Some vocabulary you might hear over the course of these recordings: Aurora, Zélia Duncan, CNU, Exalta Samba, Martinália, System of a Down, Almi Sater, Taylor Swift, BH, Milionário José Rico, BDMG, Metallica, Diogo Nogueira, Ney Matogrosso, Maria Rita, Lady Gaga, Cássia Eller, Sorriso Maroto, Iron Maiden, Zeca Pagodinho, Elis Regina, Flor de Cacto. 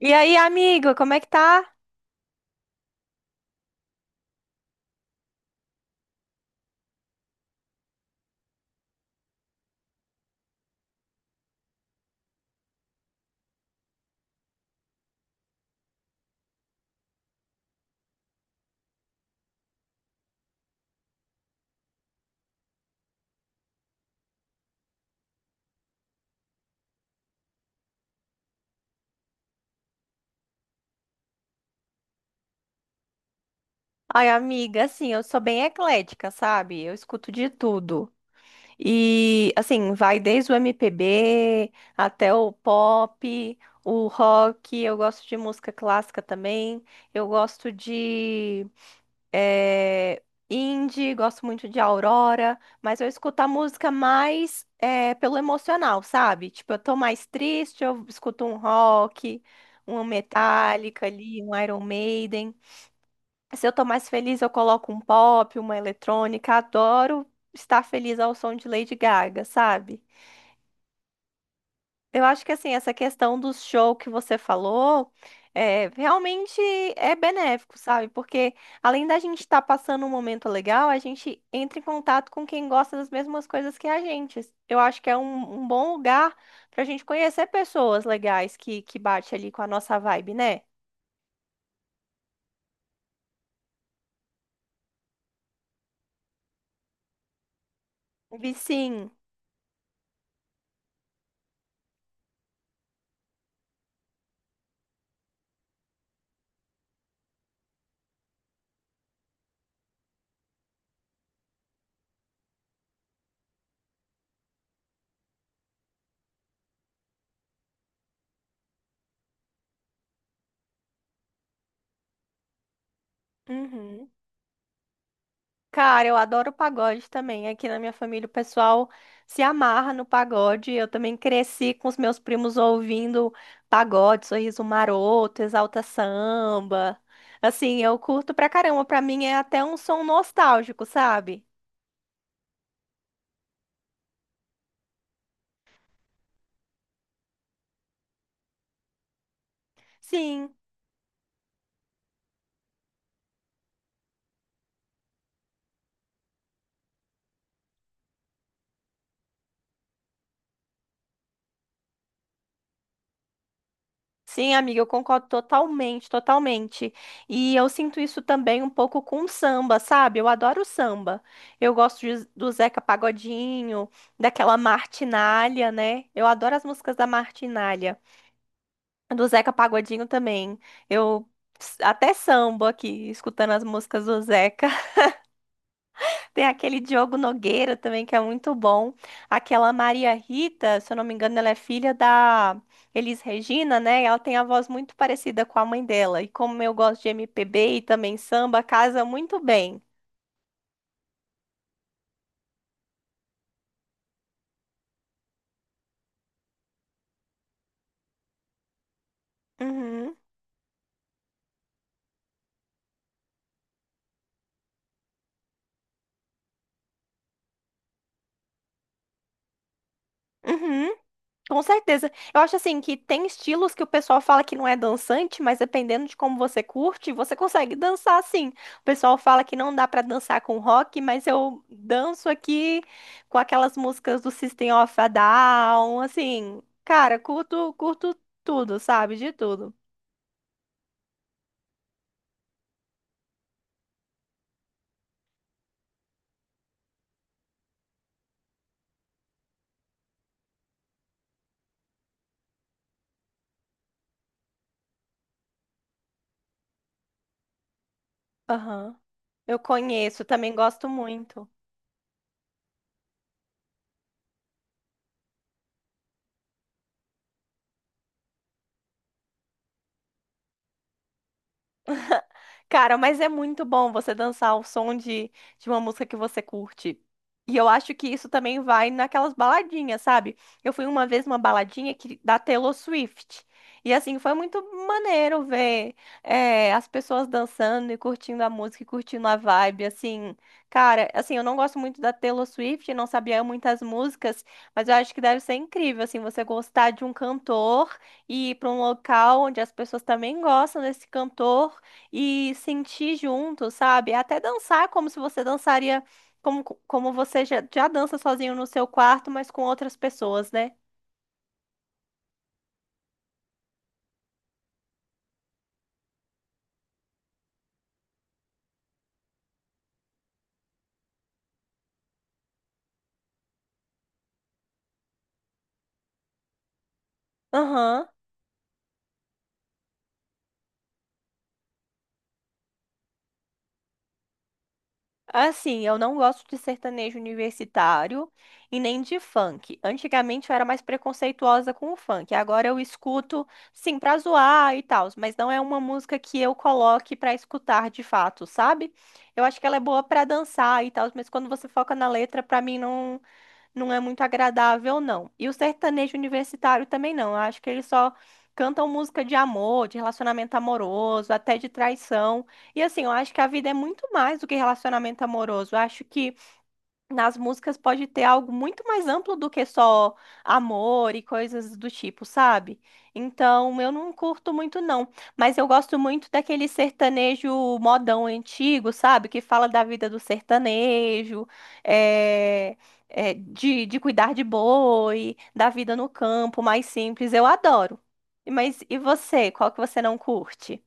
E aí, amigo, como é que tá? Ai, amiga, assim, eu sou bem eclética, sabe? Eu escuto de tudo. E, assim, vai desde o MPB até o pop, o rock. Eu gosto de música clássica também. Eu gosto de eh, indie, gosto muito de Aurora. Mas eu escuto a música mais pelo emocional, sabe? Tipo, eu tô mais triste, eu escuto um rock, uma Metallica ali, um Iron Maiden. Se eu tô mais feliz, eu coloco um pop, uma eletrônica. Adoro estar feliz ao som de Lady Gaga, sabe? Eu acho que assim, essa questão do show que você falou é, realmente é benéfico, sabe? Porque além da gente estar passando um momento legal, a gente entra em contato com quem gosta das mesmas coisas que a gente. Eu acho que é um, um bom lugar pra gente conhecer pessoas legais que bate ali com a nossa vibe, né? Vi sim. Uhum. Cara, eu adoro pagode também. Aqui na minha família o pessoal se amarra no pagode. Eu também cresci com os meus primos ouvindo pagode, Sorriso Maroto, Exalta Samba. Assim, eu curto pra caramba. Pra mim é até um som nostálgico, sabe? Sim. Sim, amiga, eu concordo totalmente, totalmente. E eu sinto isso também um pouco com o samba, sabe? Eu adoro samba. Eu gosto do Zeca Pagodinho, daquela Martinália, né? Eu adoro as músicas da Martinália. Do Zeca Pagodinho também. Eu até samba aqui, escutando as músicas do Zeca. Tem aquele Diogo Nogueira também, que é muito bom. Aquela Maria Rita, se eu não me engano, ela é filha da Elis Regina, né? Ela tem a voz muito parecida com a mãe dela. E como eu gosto de MPB e também samba, casa muito bem. Uhum. Uhum. Com certeza. Eu acho assim que tem estilos que o pessoal fala que não é dançante, mas dependendo de como você curte, você consegue dançar sim. O pessoal fala que não dá pra dançar com rock, mas eu danço aqui com aquelas músicas do System of a Down, assim. Cara, curto, curto tudo, sabe? De tudo. Aham. Eu conheço, também gosto muito. Cara, mas é muito bom você dançar o som de uma música que você curte. E eu acho que isso também vai naquelas baladinhas, sabe? Eu fui uma vez numa baladinha que, da Taylor Swift. E assim, foi muito maneiro ver as pessoas dançando e curtindo a música e curtindo a vibe, assim. Cara, assim, eu não gosto muito da Taylor Swift, não sabia muitas músicas, mas eu acho que deve ser incrível, assim, você gostar de um cantor e ir para um local onde as pessoas também gostam desse cantor e sentir junto, sabe? Até dançar como se você dançaria, como, como você já, já dança sozinho no seu quarto, mas com outras pessoas, né? Aham. Assim, eu não gosto de sertanejo universitário e nem de funk. Antigamente eu era mais preconceituosa com o funk. Agora eu escuto, sim, pra zoar e tal, mas não é uma música que eu coloque pra escutar de fato, sabe? Eu acho que ela é boa pra dançar e tal, mas quando você foca na letra, pra mim não é muito agradável, não. E o sertanejo universitário também não. Eu acho que eles só cantam música de amor, de relacionamento amoroso, até de traição. E assim, eu acho que a vida é muito mais do que relacionamento amoroso. Eu acho que nas músicas pode ter algo muito mais amplo do que só amor e coisas do tipo, sabe? Então, eu não curto muito, não. Mas eu gosto muito daquele sertanejo modão antigo, sabe? Que fala da vida do sertanejo, é, de cuidar de boi, da vida no campo, mais simples. Eu adoro. Mas e você? Qual que você não curte?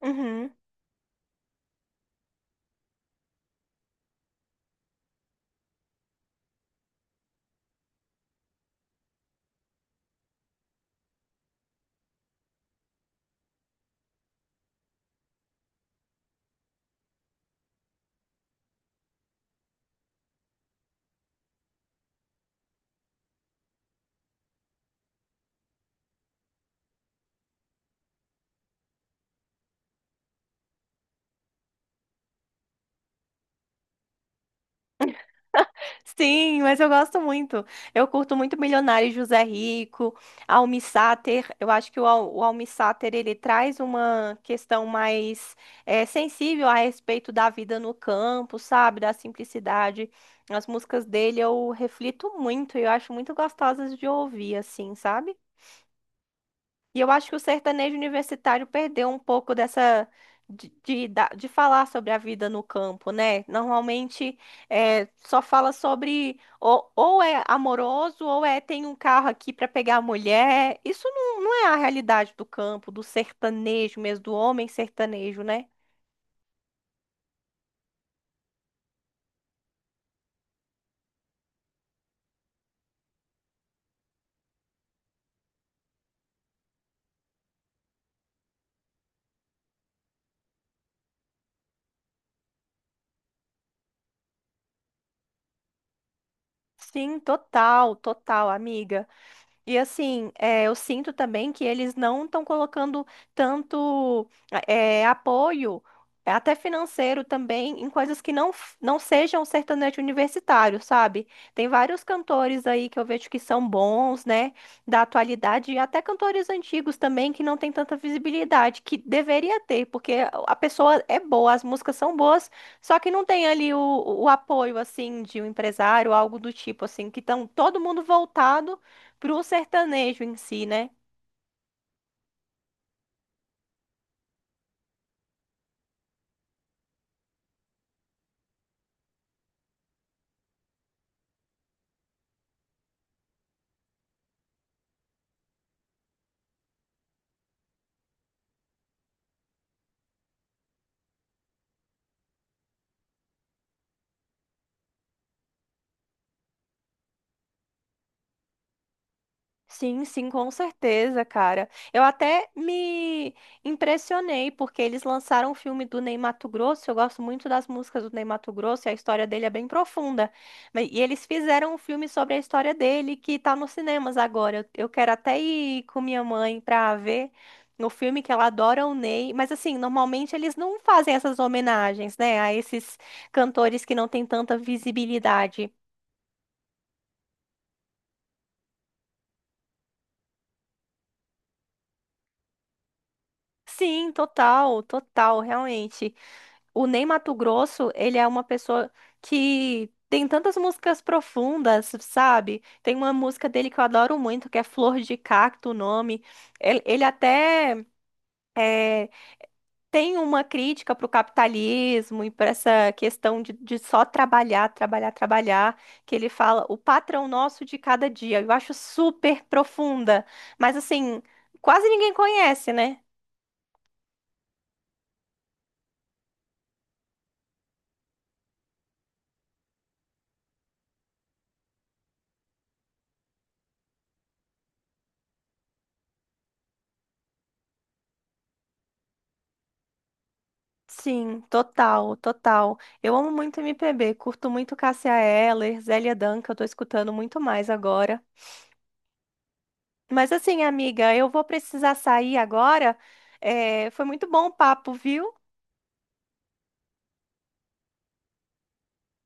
Uhum. Sim, mas eu gosto muito. Eu curto muito Milionário José Rico, Almi Sater. Eu acho que o Almi Sater, ele traz uma questão mais sensível a respeito da vida no campo, sabe? Da simplicidade. As músicas dele eu reflito muito e eu acho muito gostosas de ouvir, assim, sabe? E eu acho que o sertanejo universitário perdeu um pouco dessa de falar sobre a vida no campo, né? Normalmente é, só fala sobre ou é amoroso ou é tem um carro aqui para pegar a mulher. Isso não, não é a realidade do campo, do sertanejo mesmo, do homem sertanejo, né? Sim, total, total, amiga. E assim, eu sinto também que eles não estão colocando tanto apoio, até financeiro também, em coisas que não, não sejam sertanejo universitário, sabe? Tem vários cantores aí que eu vejo que são bons, né, da atualidade, e até cantores antigos também que não têm tanta visibilidade, que deveria ter, porque a pessoa é boa, as músicas são boas, só que não tem ali o apoio, assim, de um empresário, algo do tipo, assim, que estão todo mundo voltado pro sertanejo em si, né? Sim, sim, com certeza, cara. Eu até me impressionei porque eles lançaram o filme do Ney Matogrosso. Eu gosto muito das músicas do Ney Matogrosso e a história dele é bem profunda. E eles fizeram um filme sobre a história dele que tá nos cinemas agora. Eu quero até ir com minha mãe pra ver no filme que ela adora o Ney. Mas assim, normalmente eles não fazem essas homenagens, né, a esses cantores que não têm tanta visibilidade. Sim, total, total, realmente. O Ney Matogrosso, ele é uma pessoa que tem tantas músicas profundas, sabe? Tem uma música dele que eu adoro muito, que é Flor de Cacto, o nome. Ele até é, tem uma crítica pro capitalismo e para essa questão de só trabalhar, trabalhar, trabalhar, que ele fala o patrão nosso de cada dia. Eu acho super profunda, mas assim, quase ninguém conhece, né? Sim, total, total. Eu amo muito MPB, curto muito Cássia Eller, Zélia Duncan, eu tô escutando muito mais agora. Mas assim, amiga, eu vou precisar sair agora. É, foi muito bom o papo, viu?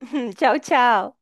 Tchau, tchau.